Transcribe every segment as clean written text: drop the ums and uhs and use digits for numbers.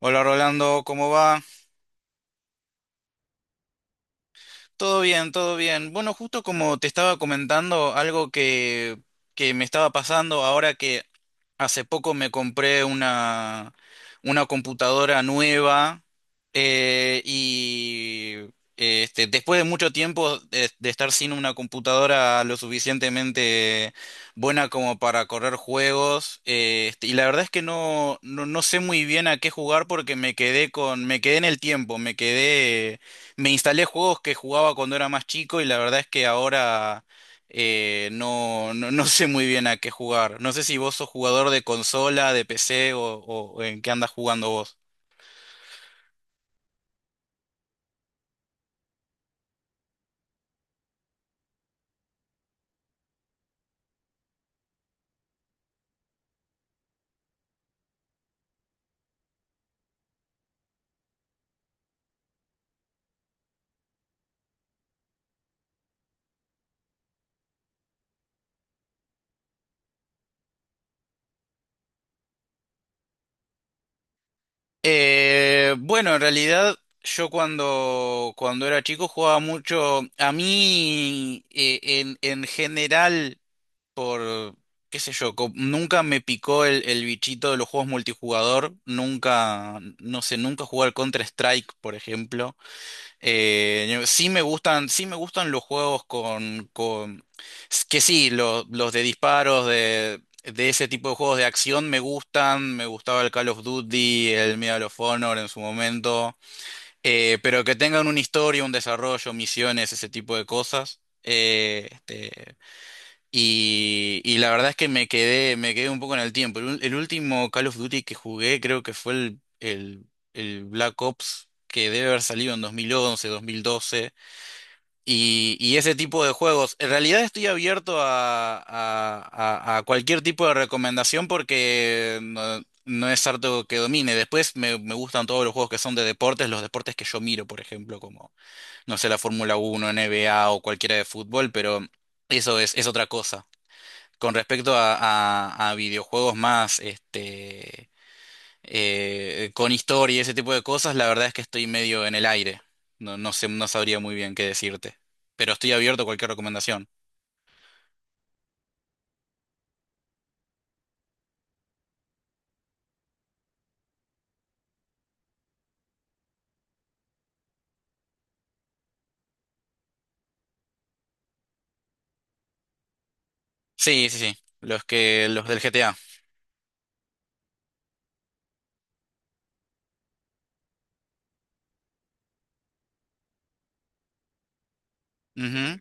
Hola Rolando, ¿cómo va? Todo bien, todo bien. Bueno, justo como te estaba comentando, algo que me estaba pasando ahora que hace poco me compré una computadora nueva eh, y después de mucho tiempo de estar sin una computadora lo suficientemente buena como para correr juegos y la verdad es que no sé muy bien a qué jugar porque me quedé me quedé en el tiempo, me quedé. Me instalé juegos que jugaba cuando era más chico y la verdad es que ahora no sé muy bien a qué jugar. No sé si vos sos jugador de consola, de PC o en qué andas jugando vos. Bueno, en realidad yo cuando era chico jugaba mucho. A mí en general, por qué sé yo, nunca me picó el bichito de los juegos multijugador. Nunca, no sé, nunca jugué al Counter-Strike, por ejemplo. Sí me gustan, sí me gustan los juegos con los de disparos, de ese tipo de juegos de acción me gustan. Me gustaba el Call of Duty, el Medal of Honor en su momento. Pero que tengan una historia, un desarrollo, misiones, ese tipo de cosas. Y la verdad es que me quedé un poco en el tiempo. El último Call of Duty que jugué creo que fue el Black Ops, que debe haber salido en 2011, 2012. Y ese tipo de juegos. En realidad estoy abierto a cualquier tipo de recomendación porque no, no es harto que domine. Después me gustan todos los juegos que son de deportes, los deportes que yo miro, por ejemplo, como, no sé, la Fórmula 1, NBA o cualquiera de fútbol, pero eso es otra cosa con respecto a videojuegos más, con historia y ese tipo de cosas, la verdad es que estoy medio en el aire. No, no sé, no sabría muy bien qué decirte. Pero estoy abierto a cualquier recomendación. Sí, sí, sí. Los que, los del GTA. Ujú.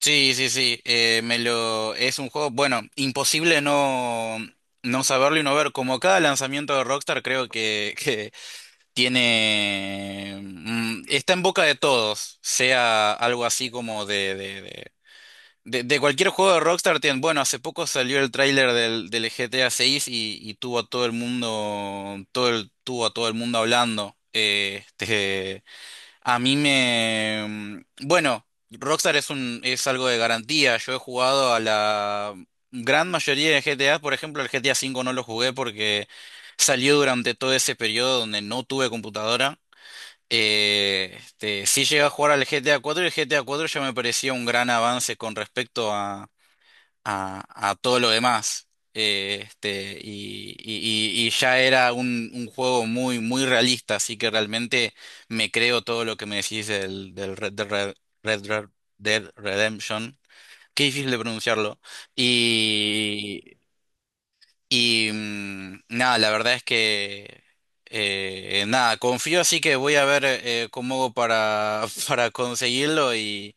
Sí, sí, sí. Me lo, es un juego, bueno, imposible no, no saberlo y no ver. Como cada lanzamiento de Rockstar, creo que, tiene, mm, está en boca de todos, sea algo así como de cualquier juego de Rockstar. Tiene, bueno, hace poco salió el tráiler del GTA 6 y tuvo a todo el mundo, todo el, tuvo a todo el mundo hablando. A mí me, mm, bueno, Rockstar es un, es algo de garantía. Yo he jugado a la gran mayoría de GTA, por ejemplo, el GTA 5 no lo jugué porque salió durante todo ese periodo donde no tuve computadora. Sí llegué a jugar al GTA 4 y el GTA 4 ya me parecía un gran avance con respecto a, a todo lo demás. Y ya era un juego muy, muy realista, así que realmente me creo todo lo que me decís del, del Red, Dead Red Dead Redemption. Qué difícil de pronunciarlo. Y mm, nada, la verdad es que nada, confío, así que voy a ver cómo hago para, para conseguirlo y,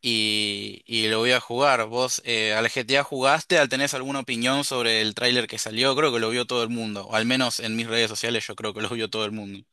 y, y lo voy a jugar. ¿Vos al GTA jugaste? ¿Al tenés alguna opinión sobre el tráiler que salió? Creo que lo vio todo el mundo, o al menos en mis redes sociales yo creo que lo vio todo el mundo.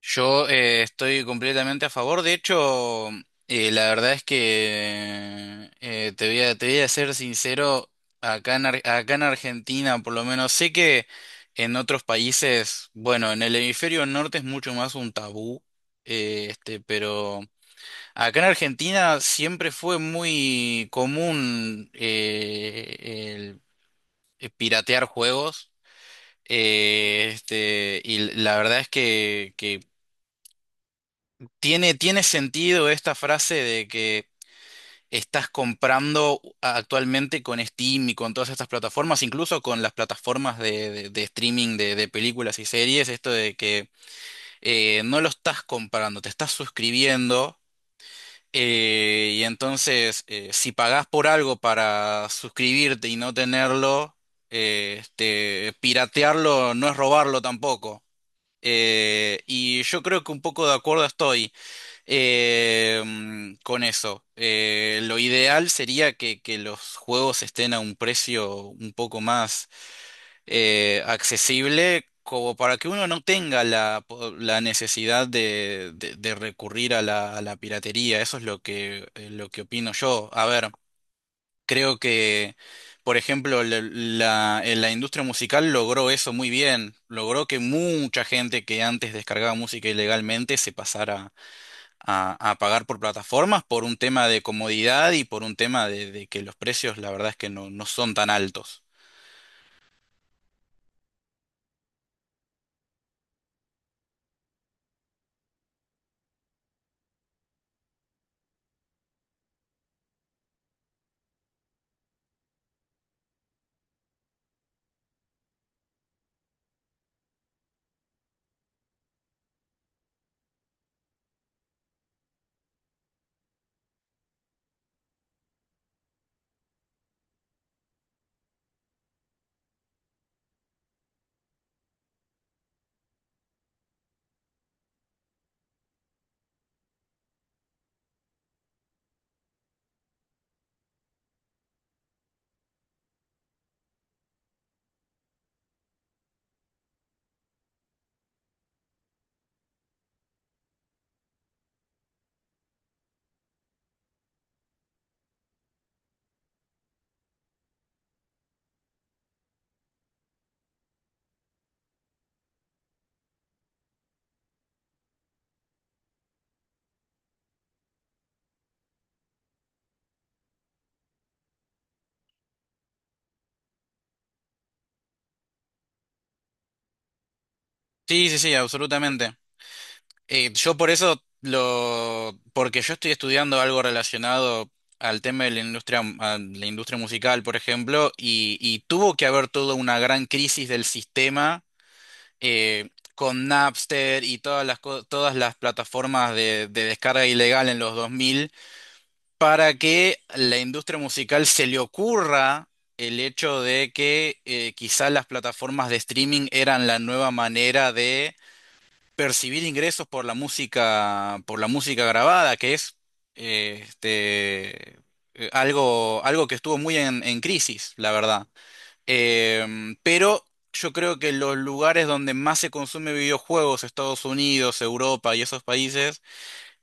Yo estoy completamente a favor. De hecho, la verdad es que te voy a ser sincero, acá en Argentina, por lo menos, sé que en otros países, bueno, en el hemisferio norte es mucho más un tabú, pero acá en Argentina siempre fue muy común el piratear juegos. Y la verdad es que tiene, tiene sentido esta frase de que estás comprando actualmente con Steam y con todas estas plataformas, incluso con las plataformas de streaming de películas y series, esto de que no lo estás comprando, te estás suscribiendo. Si pagás por algo para suscribirte y no tenerlo, piratearlo no es robarlo tampoco. Y yo creo que un poco de acuerdo estoy. Con eso, lo ideal sería que los juegos estén a un precio un poco más accesible, como para que uno no tenga la necesidad de recurrir a a la piratería. Eso es lo lo que opino yo. A ver, creo que, por ejemplo, la en la industria musical logró eso muy bien. Logró que mucha gente que antes descargaba música ilegalmente se pasara a pagar por plataformas por un tema de comodidad y por un tema de que los precios, la verdad es que no, no son tan altos. Sí, sí, sí, absolutamente. Yo por eso lo, porque yo estoy estudiando algo relacionado al tema de la industria, a la industria musical, por ejemplo, y tuvo que haber toda una gran crisis del sistema con Napster y todas las plataformas de descarga ilegal en los 2000 para que la industria musical se le ocurra el hecho de que quizá las plataformas de streaming eran la nueva manera de percibir ingresos por la música grabada, que es eh, este, algo, algo que estuvo muy en crisis, la verdad. Pero yo creo que los lugares donde más se consume videojuegos, Estados Unidos, Europa y esos países,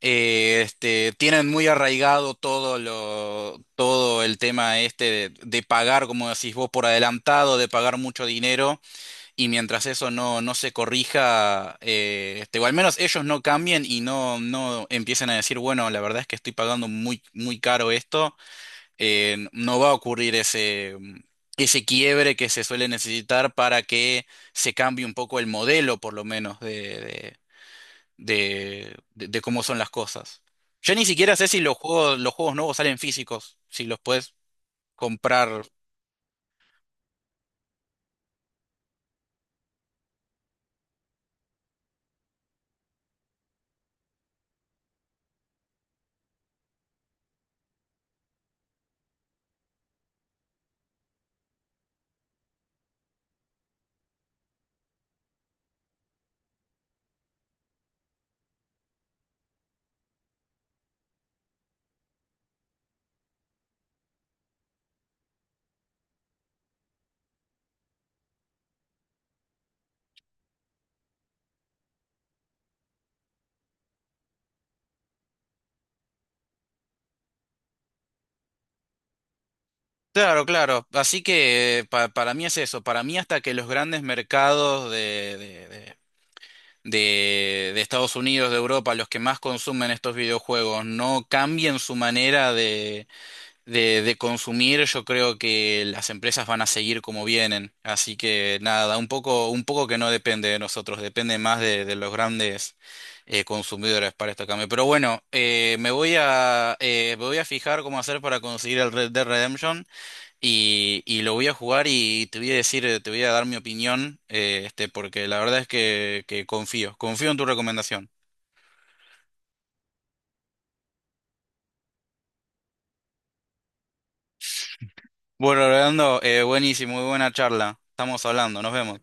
tienen muy arraigado todo lo, todo el tema este de pagar, como decís vos, por adelantado, de pagar mucho dinero, y mientras eso no, no se corrija, o al menos ellos no cambien y no, no empiecen a decir, bueno, la verdad es que estoy pagando muy, muy caro esto, no va a ocurrir ese quiebre que se suele necesitar para que se cambie un poco el modelo, por lo menos, de cómo son las cosas. Yo ni siquiera sé si los juegos, los juegos nuevos salen físicos, si los puedes comprar. Claro, claro. Así que para mí es eso. Para mí hasta que los grandes mercados de Estados Unidos, de Europa, los que más consumen estos videojuegos, no cambien su manera de consumir, yo creo que las empresas van a seguir como vienen. Así que nada, un poco que no depende de nosotros, depende más de los grandes consumidores para este cambio. Pero bueno, me voy a fijar cómo hacer para conseguir el Red Dead Redemption y lo voy a jugar y te voy a decir, te voy a dar mi opinión, porque la verdad es que confío, confío en tu recomendación. Bueno, Leandro, buenísimo, muy buena charla. Estamos hablando, nos vemos.